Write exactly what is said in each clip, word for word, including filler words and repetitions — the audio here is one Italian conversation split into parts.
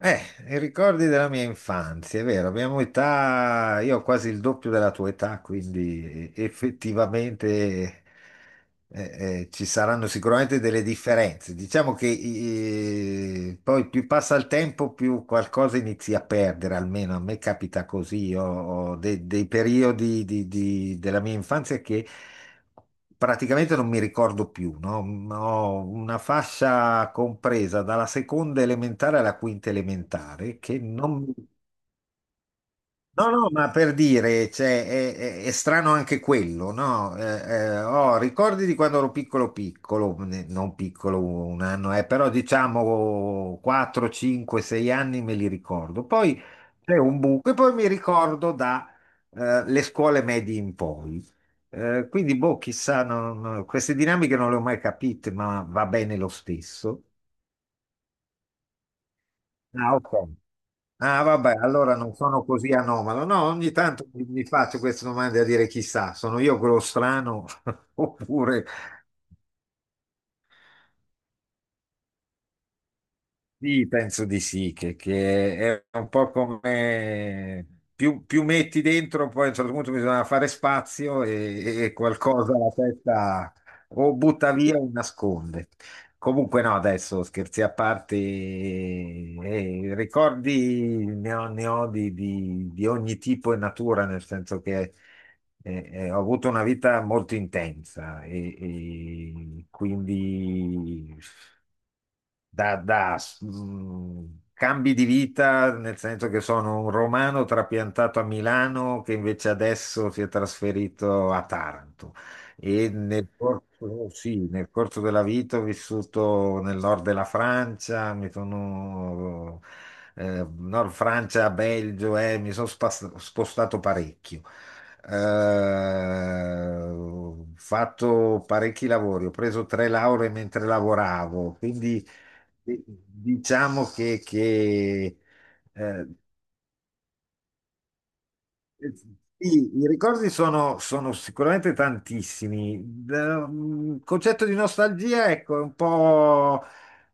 Eh, i ricordi della mia infanzia, è vero, abbiamo età, io ho quasi il doppio della tua età, quindi effettivamente eh, eh, ci saranno sicuramente delle differenze. Diciamo che eh, poi più passa il tempo, più qualcosa inizi a perdere, almeno a me capita così. Io ho de- dei periodi di- di- della mia infanzia che praticamente non mi ricordo più, no? Ho una fascia compresa dalla seconda elementare alla quinta elementare che non. No, no, ma per dire, cioè, è, è- è strano anche quello, no? Eh, eh, ho ricordi di quando ero piccolo, piccolo, ne- non piccolo un anno, eh, però diciamo quattro, cinque, sei anni me li ricordo. Poi c'è un buco e poi mi ricordo da eh, le scuole medie in poi. Eh, quindi, boh, chissà, non- non- queste dinamiche non le ho mai capite, ma va bene lo stesso. Ah, ok. Ah, vabbè, allora non sono così anomalo. No, ogni tanto mi mi faccio queste domande a dire chissà, sono io quello strano oppure. Sì, penso di sì, che, che è un po' come più, più metti dentro, poi a un certo punto bisogna fare spazio e, e qualcosa la testa o butta via o nasconde. Comunque no, adesso scherzi a parte, eh, ricordi ne ho, ne ho di, di- di ogni tipo e natura, nel senso che eh, eh, ho avuto una vita molto intensa e e quindi da, da, s- mh, cambi di vita, nel senso che sono un romano trapiantato a Milano che invece adesso si è trasferito a Taranto. E nel corso, sì, nel corso della vita ho vissuto nel nord della Francia, mi sono, eh, nord Francia, Belgio, eh, mi sono spas- spostato parecchio. Eh, ho fatto parecchi lavori, ho preso tre lauree mentre lavoravo, quindi. Diciamo che, che, eh, eh, sì, i ricordi sono, sono sicuramente tantissimi. Da- mm, Il concetto di nostalgia, ecco, è un po'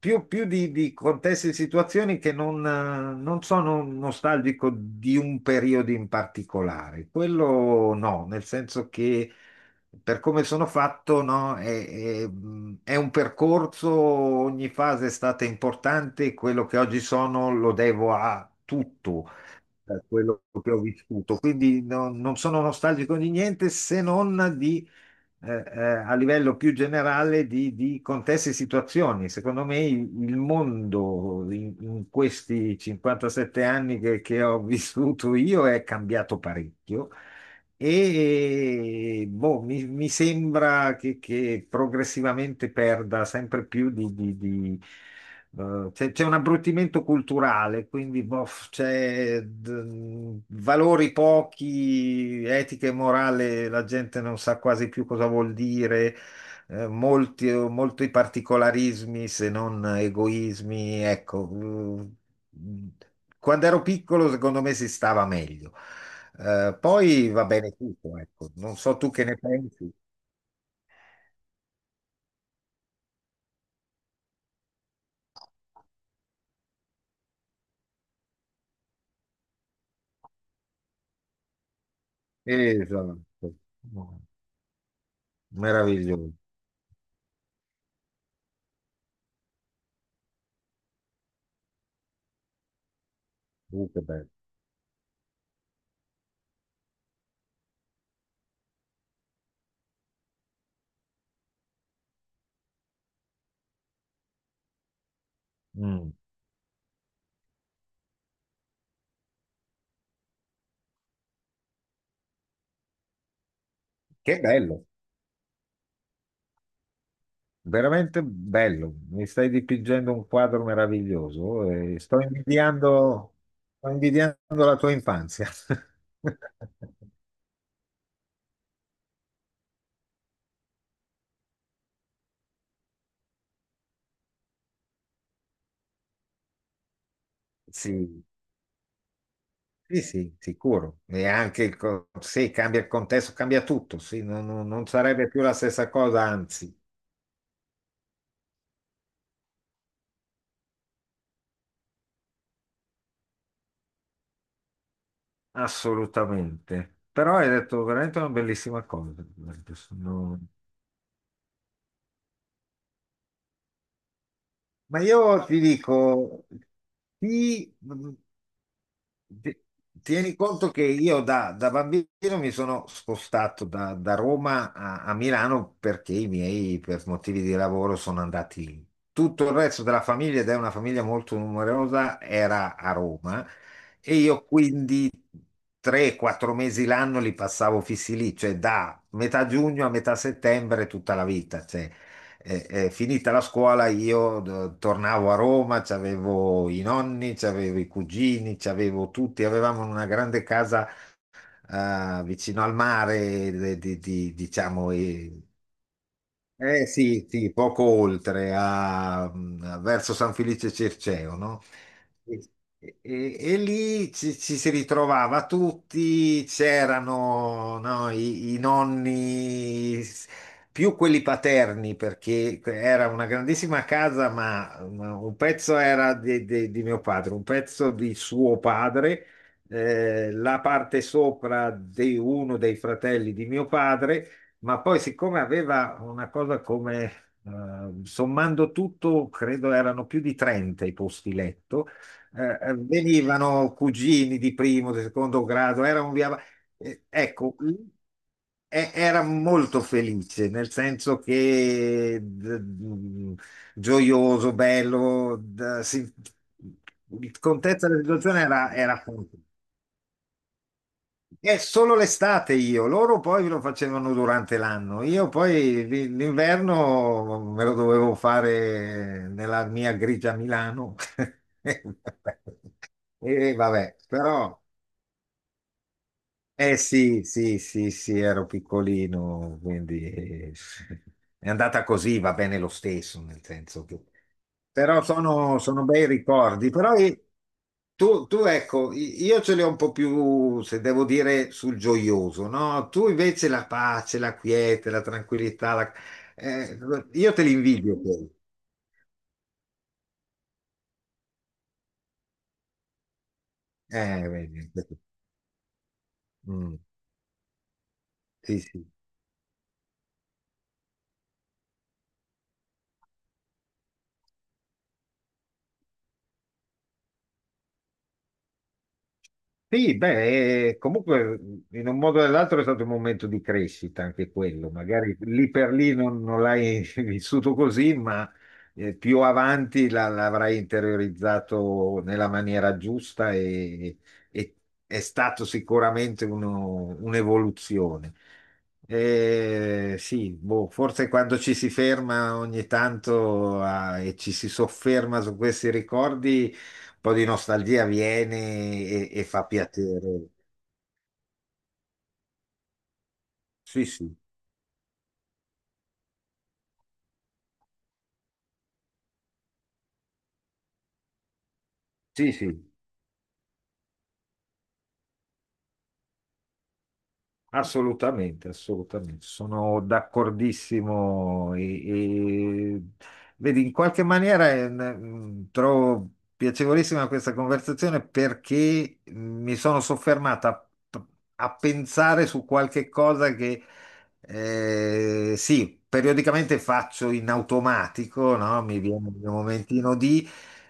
più, più di, di contesti e situazioni che non, eh, non sono nostalgico di un periodo in particolare. Quello no, nel senso che per come sono fatto, no, è, è, mm, è un percorso, ogni fase è stata importante, quello che oggi sono lo devo a tutto per quello che ho vissuto. Quindi no- non sono nostalgico di niente se non di, eh, eh, a livello più generale di, di contesti e situazioni. Secondo me il, il mondo in, in questi cinquantasette anni che, che ho vissuto io è cambiato parecchio. E boh, mi, mi sembra che, che progressivamente perda sempre più. di, di- di- eh, C'è c'è un abbruttimento culturale, quindi boh, c'è d- valori pochi, etica e morale, la gente non sa quasi più cosa vuol dire, eh, molti, molti particolarismi se non egoismi. Ecco, mm, quando ero piccolo, secondo me si stava meglio. Eh, poi va bene tutto, ecco. Non so tu che ne pensi. Esatto. Meraviglioso. Uh, che bello. Mm. Che bello, veramente bello. Mi stai dipingendo un quadro meraviglioso e sto invidiando, sto invidiando la tua infanzia. Sì, sì, sì, sicuro. E anche, il co- sì, cambia il contesto, cambia tutto, sì, non, non- non sarebbe più la stessa cosa, anzi, assolutamente. Però hai detto veramente una bellissima cosa. Sono- Ma io ti dico, sì. Ti- Tieni conto che io da, da bambino mi sono spostato da, da Roma a, a Milano perché i miei, per motivi di lavoro, sono andati lì. Tutto il resto della famiglia, ed è una famiglia molto numerosa, era a Roma e io quindi tre quattro mesi l'anno li passavo fissi lì, cioè da metà giugno a metà settembre tutta la vita. Cioè, eh, eh, finita la scuola io d- tornavo a Roma, c'avevo i nonni, c'avevo i cugini, c'avevo tutti, avevamo una grande casa eh, vicino al mare, de- di- di- diciamo. E eh sì, sì, poco oltre, a- verso San Felice Circeo, no? E, e- e lì ci, ci si ritrovava tutti, c'erano no, i, i nonni, s- più quelli paterni, perché era una grandissima casa, ma ma un pezzo era di, di- di mio padre, un pezzo di suo padre, eh, la parte sopra di uno dei fratelli di mio padre, ma poi, siccome aveva una cosa come, eh, sommando tutto, credo erano più di trenta i posti letto, eh, eh, venivano cugini di primo, di secondo grado, era un via. eh, ecco, e- Era molto felice, nel senso che d- mm, gioioso, bello, d- si- il contesto della situazione era, era è solo l'estate, io, loro poi lo facevano durante l'anno, io poi l- l'inverno me lo dovevo fare nella mia grigia Milano. E vabbè, però, eh sì, sì, sì, sì, ero piccolino, quindi eh, è andata così, va bene lo stesso, nel senso che. Però sono, sono bei ricordi, però. eh, Tu, tu, ecco, i- io ce l'ho un po' più, se devo dire, sul gioioso, no? Tu invece la pace, la quiete, la tranquillità, la- eh, io te li invidio quelli. Eh, vedi. Mm, sì, sì. Sì, beh, eh, comunque in un modo o nell'altro è stato un momento di crescita anche quello, magari lì per lì non, non l'hai vissuto così, ma eh, più avanti la- l'avrai interiorizzato nella maniera giusta e, e è stato sicuramente uno- un'evoluzione. Eh, sì, boh, forse quando ci si ferma ogni tanto a- e ci si sofferma su questi ricordi po' di nostalgia viene e, e fa piacere. Sì, sì, sì, sì, assolutamente, assolutamente. Sono d'accordissimo. E, e- Vedi, in qualche maniera eh, n- mm, trovo piacevolissima questa conversazione perché mi sono soffermata a a pensare su qualche cosa che. Eh, sì, periodicamente faccio in automatico, no? Mi viene un momentino di,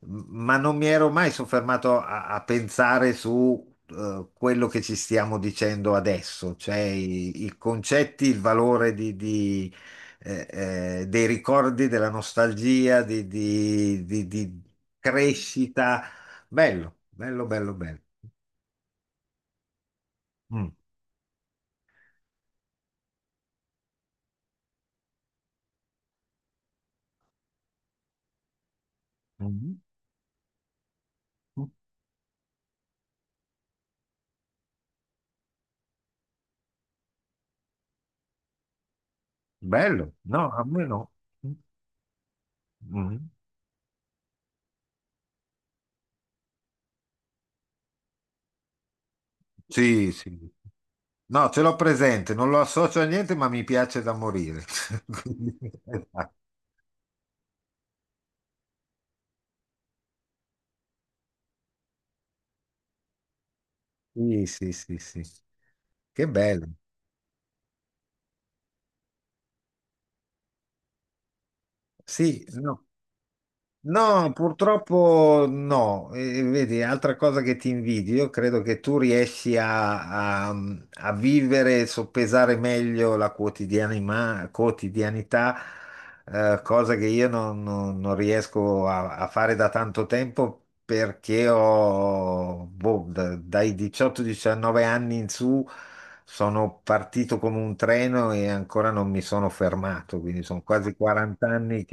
ma non mi ero mai soffermato a, a pensare su eh, quello che ci stiamo dicendo adesso, cioè i, i concetti, il valore di, di, eh, eh, dei ricordi, della nostalgia, di, di- di- di crescita. Bello, bello, bello, bello. Mm. Mhm. Bello, no, a me no. Mm. Mm. Sì, sì. No, ce l'ho presente, non lo associo a niente, ma mi piace da morire. Quindi, esatto. Sì, sì, sì, sì. Che bello. Sì, no. No, purtroppo no. E, vedi, altra cosa che ti invidio, credo che tu riesci a, a- a vivere e soppesare meglio la quotidianima- quotidianità, eh, cosa che io non, non- non riesco a, a fare da tanto tempo perché ho, boh, da- dai diciotto o diciannove anni in su sono partito come un treno e ancora non mi sono fermato, quindi sono quasi quaranta anni.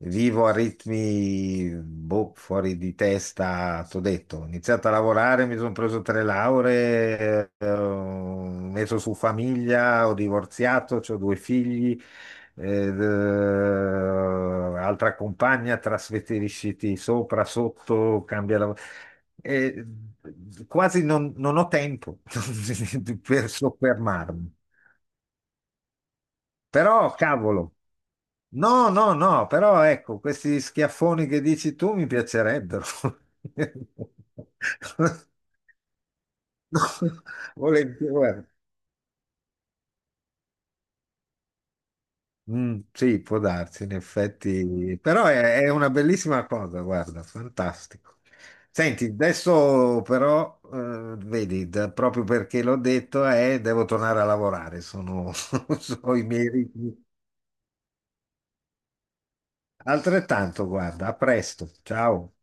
Vivo a ritmi boh, fuori di testa, t'ho detto. Ho iniziato a lavorare, mi sono preso tre lauree, eh, ho messo su famiglia, ho divorziato, ho due figli, ed, eh, altra compagna, trasferisciti sopra, sotto, cambia lavoro. E quasi non, non ho tempo per soffermarmi. Però, cavolo. No, no, no, però ecco, questi schiaffoni che dici tu mi piacerebbero. No, volentieri, guarda. Mm, sì, può darsi, in effetti, però è, è una bellissima cosa, guarda, fantastico. Senti, adesso però, eh, vedi, da- proprio perché l'ho detto, eh, devo tornare a lavorare, sono, sono i miei ritmi. Altrettanto, guarda, a presto, ciao.